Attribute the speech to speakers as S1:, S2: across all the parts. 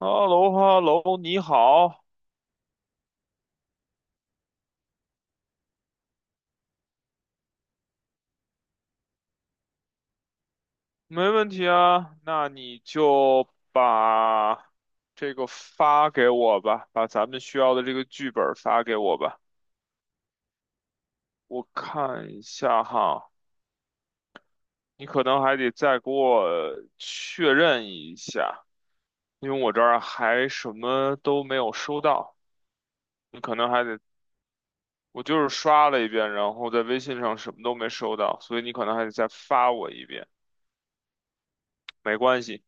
S1: h e l l o h e l l o 你好。没问题啊。那你就把这个发给我吧，把咱们需要的这个剧本儿发给我吧。我看一下哈，你可能还得再给我确认一下，因为我这儿还什么都没有收到。你可能还得，我就是刷了一遍，然后在微信上什么都没收到，所以你可能还得再发我一遍。没关系，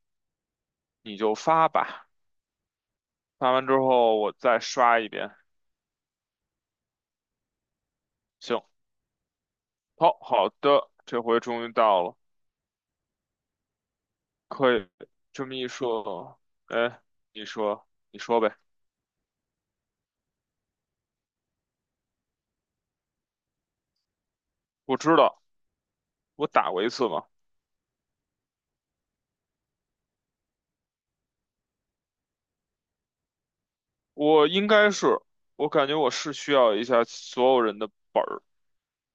S1: 你就发吧。看完之后我再刷一遍。行，好好的，这回终于到了，可以这么一说，哎，你说，你说呗。我知道，我打过一次嘛，我应该是，我感觉我是需要一下所有人的，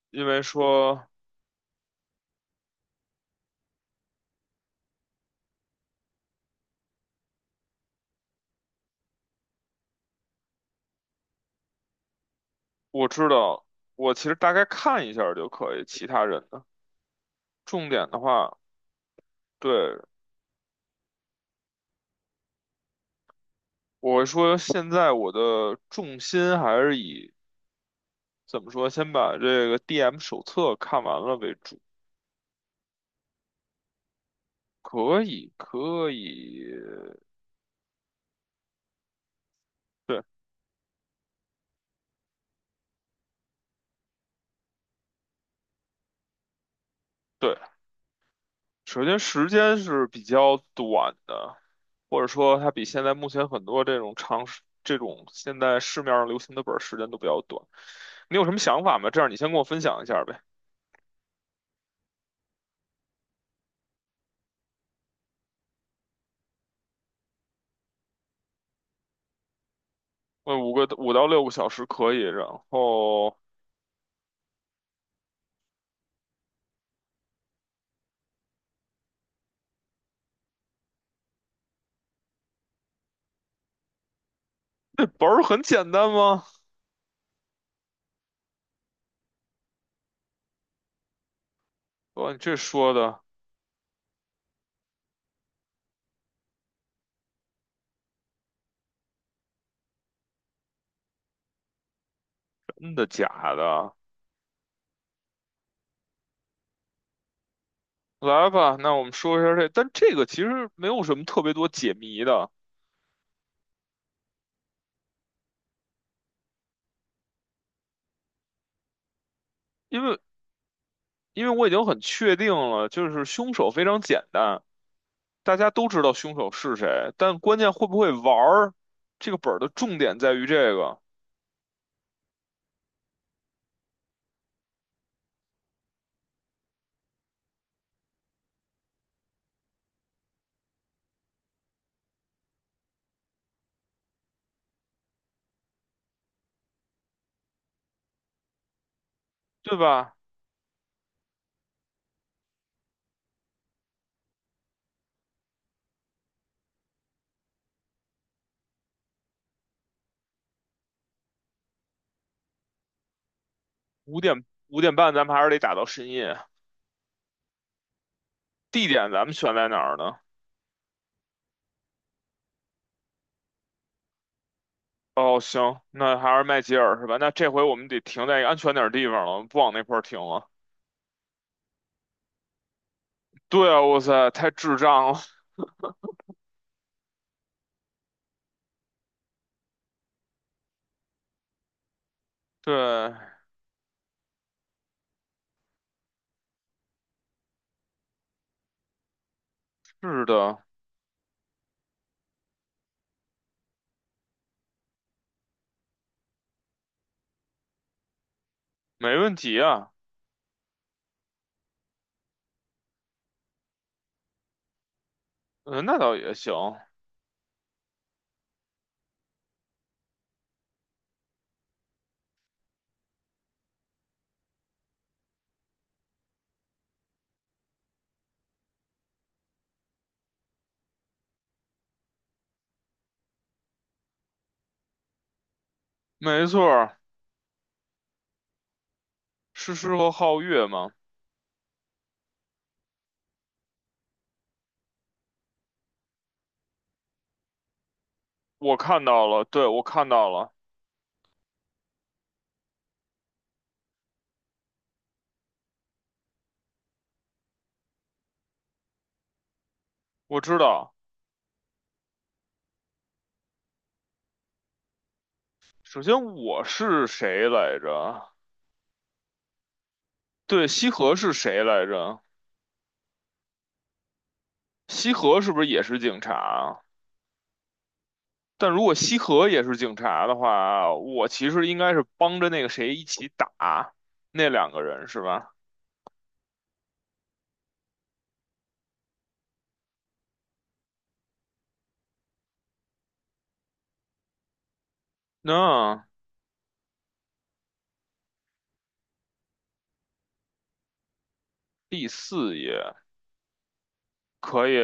S1: 因为说我知道，我其实大概看一下儿就可以，其他人的重点的话，对，我会说现在我的重心还是以。怎么说？先把这个 DM 手册看完了为主。可以，可以，对对。首先，时间是比较短的，或者说它比现在目前很多这种长时这种现在市面上流行的本儿时间都比较短。你有什么想法吗？这样你先跟我分享一下呗。问五个五到六个小时可以，然后这本儿很简单吗？哇，你这说的真的假的？来吧，那我们说一下这，但这个其实没有什么特别多解谜的，因为因为我已经很确定了，就是凶手非常简单，大家都知道凶手是谁，但关键会不会玩儿，这个本儿的重点在于这个，对吧？五点五点半，咱们还是得打到深夜。地点咱们选在哪儿呢？哦，行，那还是麦吉尔是吧？那这回我们得停在一个安全点儿的地方了，不往那块儿停了。对啊，哇塞，太智障了。对，是的，没问题啊。嗯，那倒也行，没错儿，诗诗和皓月嘛。我看到了，对，我看到了，我知道。首先我是谁来着？对，西河是谁来着？西河是不是也是警察啊？但如果西河也是警察的话，我其实应该是帮着那个谁一起打那两个人，是吧？那第四页可以，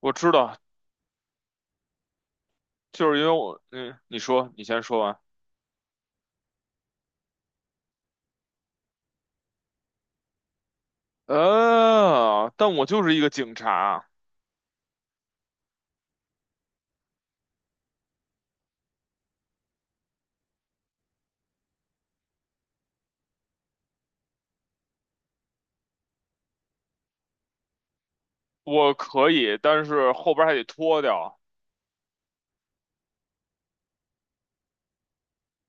S1: 我知道，就是因为我，嗯，你说，你先说完。呃，但我就是一个警察，我可以，但是后边还得脱掉。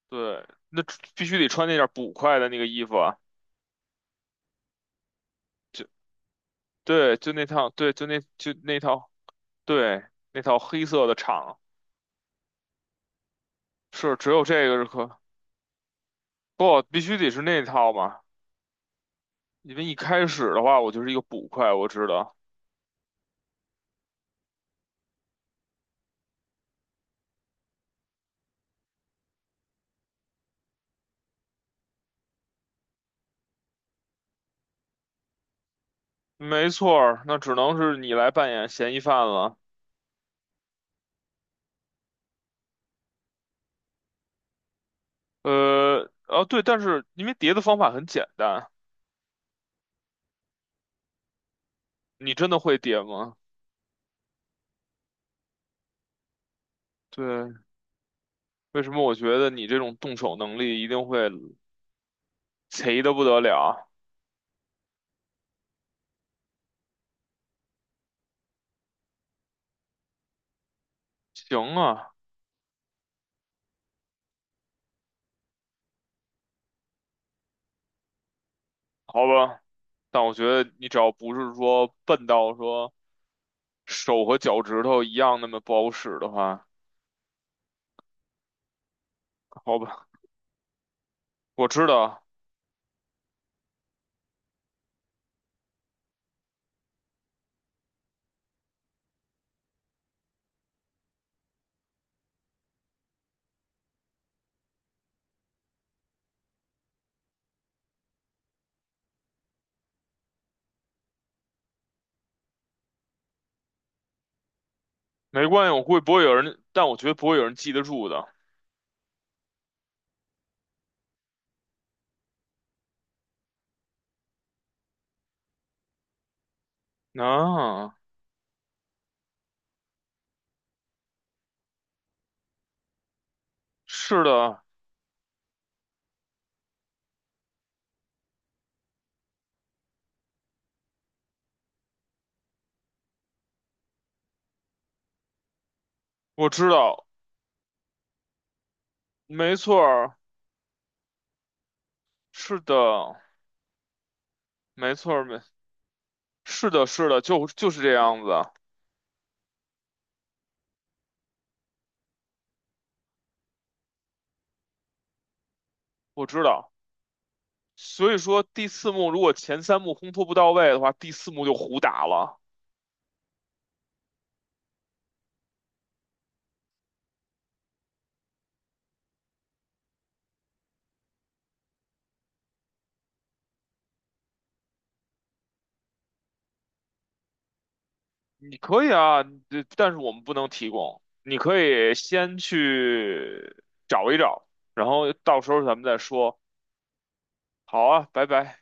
S1: 对，那必须得穿那件捕快的那个衣服啊，就对，就那套，对，就那套，对，那套黑色的长，是只有这个是可不，必须得是那套嘛，因为一开始的话我就是一个捕快，我知道，没错儿，那只能是你来扮演嫌疑犯了，哦对，但是因为叠的方法很简单，你真的会叠吗？对，为什么我觉得你这种动手能力一定会贼的不得了啊？行啊。好吧，但我觉得你只要不是说笨到说手和脚趾头一样那么不好使的话，好吧，我知道，没关系，我估计不会有人，但我觉得不会有人记得住的。啊，是的，我知道，没错儿，是的，没错儿，没，是的，是的，就是这样子，我知道。所以说第四幕如果前三幕烘托不到位的话，第四幕就胡打了。你可以啊，呃但是我们不能提供。你可以先去找一找，然后到时候咱们再说。好啊，拜拜。